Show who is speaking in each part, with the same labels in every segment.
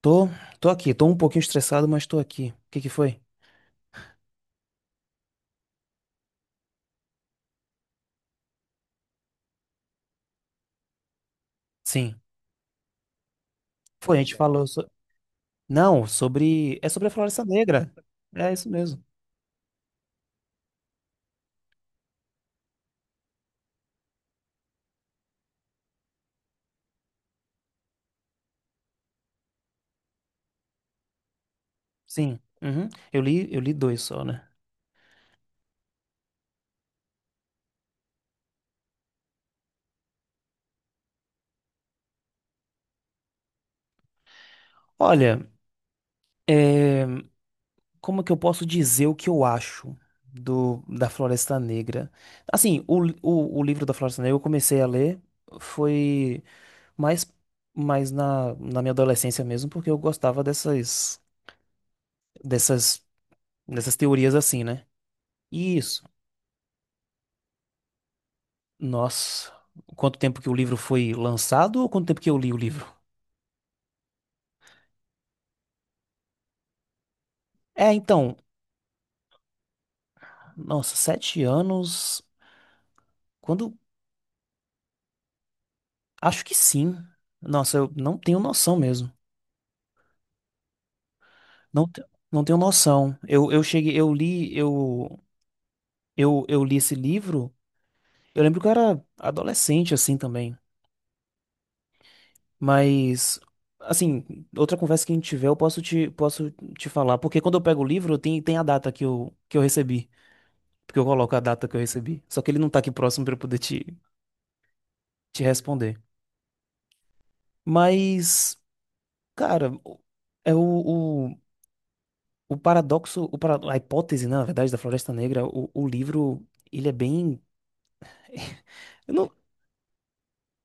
Speaker 1: Tô, tô aqui, tô um pouquinho estressado, mas tô aqui. O que que foi? Sim. Foi, a gente falou so... Não, sobre. É sobre a Floresta Negra. É isso mesmo. Sim. Uhum. Eu li dois só, né? Olha, é, como que eu posso dizer o que eu acho do da Floresta Negra? Assim, o livro da Floresta Negra eu comecei a ler, foi mais, mais na minha adolescência mesmo, porque eu gostava dessas, dessas teorias assim, né? Isso. Nossa, quanto tempo que o livro foi lançado ou quanto tempo que eu li o livro? É, então, nossa, sete anos. Quando? Acho que sim. Nossa, eu não tenho noção mesmo. Não, te- não tenho noção. Eu li esse livro. Eu lembro que eu era adolescente assim também. Mas, assim, outra conversa que a gente tiver, posso te falar. Porque quando eu pego o livro, tem a data que eu recebi. Porque eu coloco a data que eu recebi. Só que ele não tá aqui próximo pra eu poder te responder. Mas, cara, o- é o paradoxo, o para- a hipótese, né, na verdade, da Floresta Negra, o livro, ele é bem, eu não,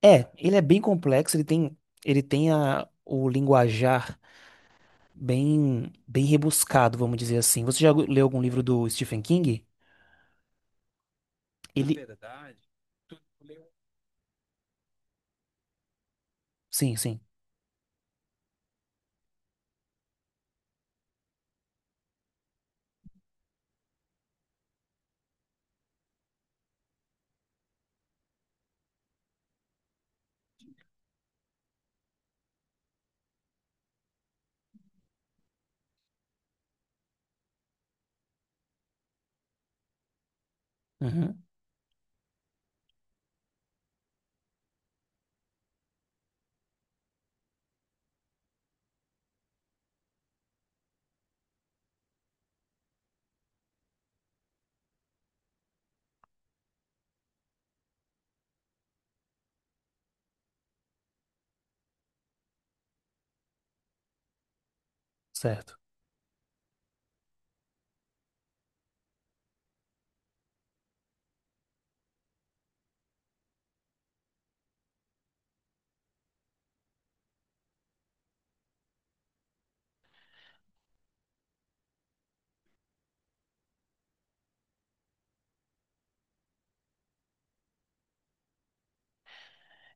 Speaker 1: é, ele é bem complexo, ele tem o linguajar bem rebuscado, vamos dizer assim. Você já leu algum livro do Stephen King? Ele, sim, sim. Uhum, certo.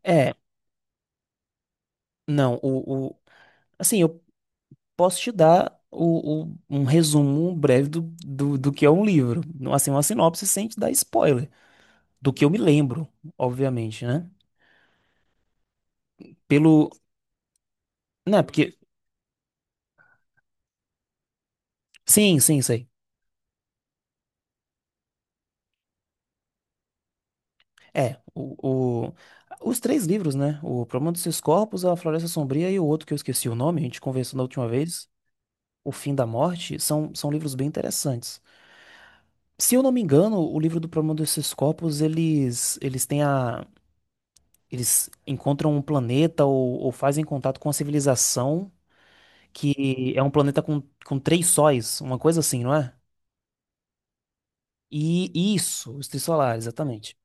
Speaker 1: É, não, o, assim, eu posso te dar um resumo breve do que é um livro. Assim, uma sinopse sem te dar spoiler. Do que eu me lembro, obviamente, né? Pelo. Né, porque. Sim, sim, sei. É, o, o- os três livros, né? O Problema dos Seus Corpos, A Floresta Sombria e o outro que eu esqueci o nome, a gente conversou na última vez, O Fim da Morte, são livros bem interessantes. Se eu não me engano, o livro do Problema dos Seus Corpos, eles têm a. Eles encontram um planeta ou fazem contato com uma civilização que é um planeta com três sóis, uma coisa assim, não é? E isso, os trissolares, exatamente.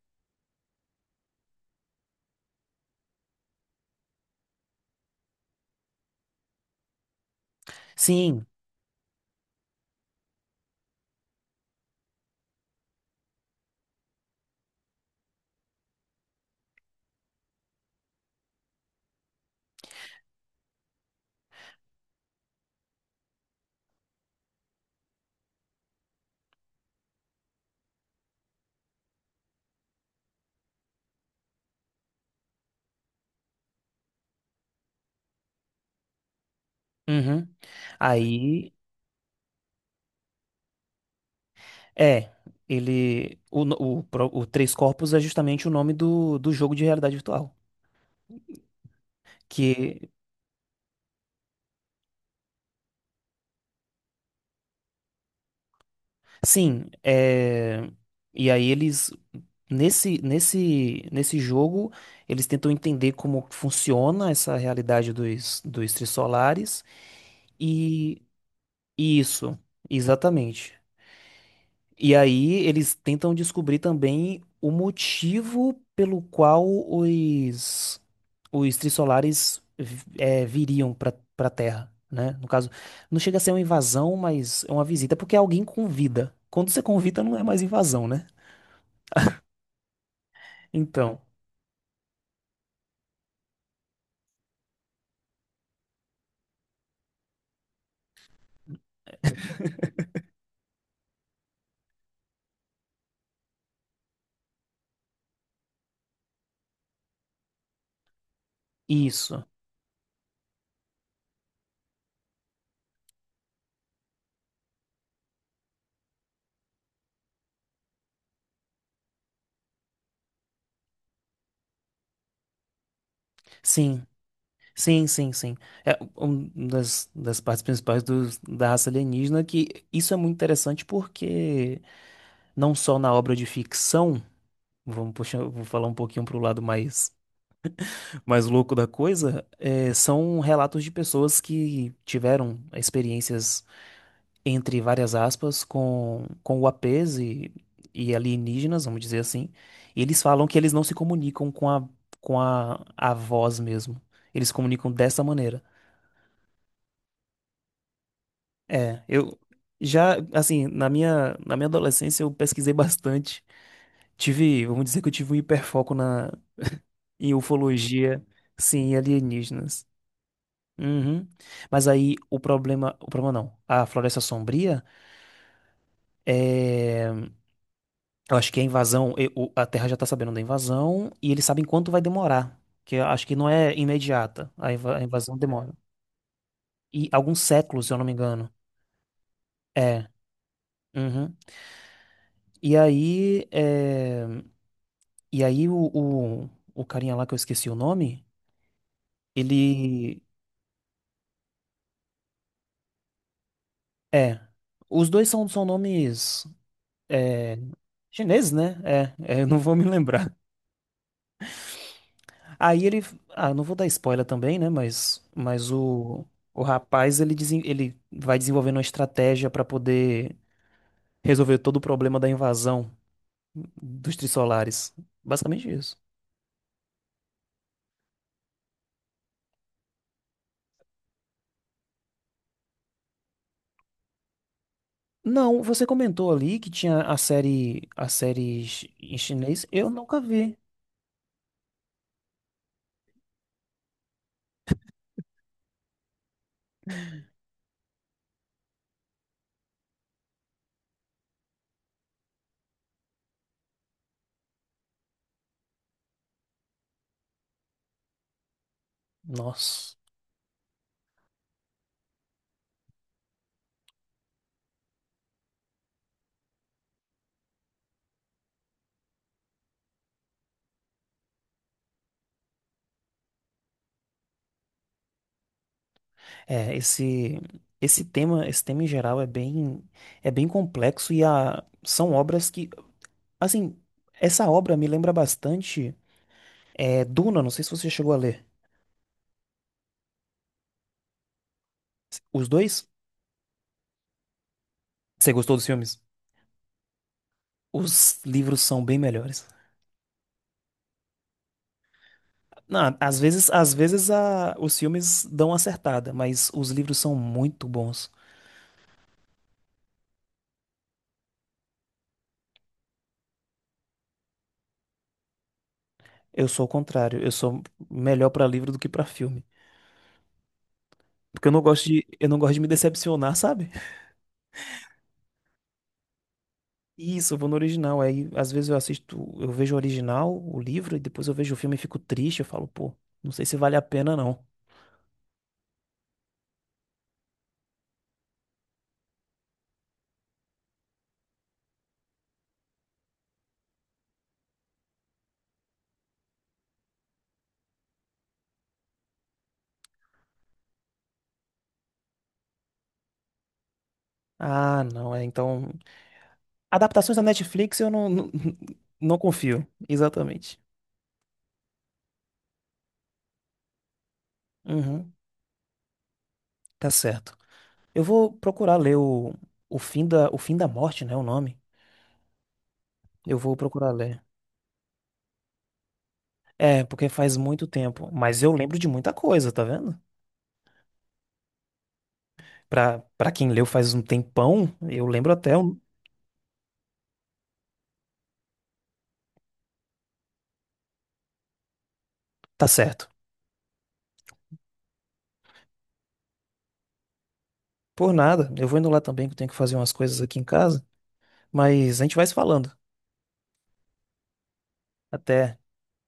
Speaker 1: Sim. Uhum. Aí, é, ele. O, no- o, pro- o Três Corpos é justamente o nome do jogo de realidade virtual. Que sim, é... e aí eles nesse jogo eles tentam entender como que funciona essa realidade dos trissolares e e isso, exatamente. E aí eles tentam descobrir também o motivo pelo qual os trissolares viriam para Terra, né? No caso, não chega a ser uma invasão, mas é uma visita porque é alguém convida. Quando você convida, não é mais invasão, né? Então, isso. Sim, sim, sim, sim. É uma das, das partes principais dos da raça alienígena que isso é muito interessante porque não só na obra de ficção. Vamos puxar, vou falar um pouquinho pro lado mais louco da coisa. É, são relatos de pessoas que tiveram experiências, entre várias aspas, com UAPs e alienígenas, vamos dizer assim. E eles falam que eles não se comunicam a voz mesmo. Eles se comunicam dessa maneira. É, eu já, assim, na minha adolescência eu pesquisei bastante. Tive, vamos dizer que eu tive um hiperfoco em ufologia, sim, e alienígenas. Uhum. Mas aí o problema não. A Floresta Sombria é, eu acho que a invasão, a Terra já tá sabendo da invasão e eles sabem quanto vai demorar, que eu acho que não é imediata. A invasão demora. E alguns séculos, se eu não me engano. É. Uhum. E aí, é, e aí o carinha lá que eu esqueci o nome, ele é, os dois são nomes é, chineses, né? Eu não vou me lembrar. Aí ele, ah, não vou dar spoiler também, né? O rapaz ele, ele vai desenvolvendo uma estratégia pra poder resolver todo o problema da invasão dos Trissolares. Basicamente isso. Não, você comentou ali que tinha a série, em chinês. Eu nunca vi. Nossa. É, esse esse tema, esse tema em geral é bem complexo são obras que, assim, essa obra me lembra bastante. É Duna, não sei se você chegou a ler. Os dois? Você gostou dos filmes? Os livros são bem melhores. Não, às vezes, os filmes dão uma acertada, mas os livros são muito bons. Eu sou o contrário, eu sou melhor pra livro do que pra filme, porque eu não gosto de, eu não gosto de me decepcionar, sabe? Isso, eu vou no original. Aí às vezes eu assisto, eu vejo o original, o livro, e depois eu vejo o filme e fico triste. Eu falo, pô, não sei se vale a pena não. Ah, não, é então. Adaptações da Netflix eu não, não confio. Exatamente. Uhum, tá certo. Eu vou procurar ler o Fim da Morte, né? O nome. Eu vou procurar ler. É, porque faz muito tempo. Mas eu lembro de muita coisa, tá vendo? Pra quem leu faz um tempão, eu lembro até. Tá certo. Por nada. Eu vou indo lá também, que eu tenho que fazer umas coisas aqui em casa. Mas a gente vai se falando. Até.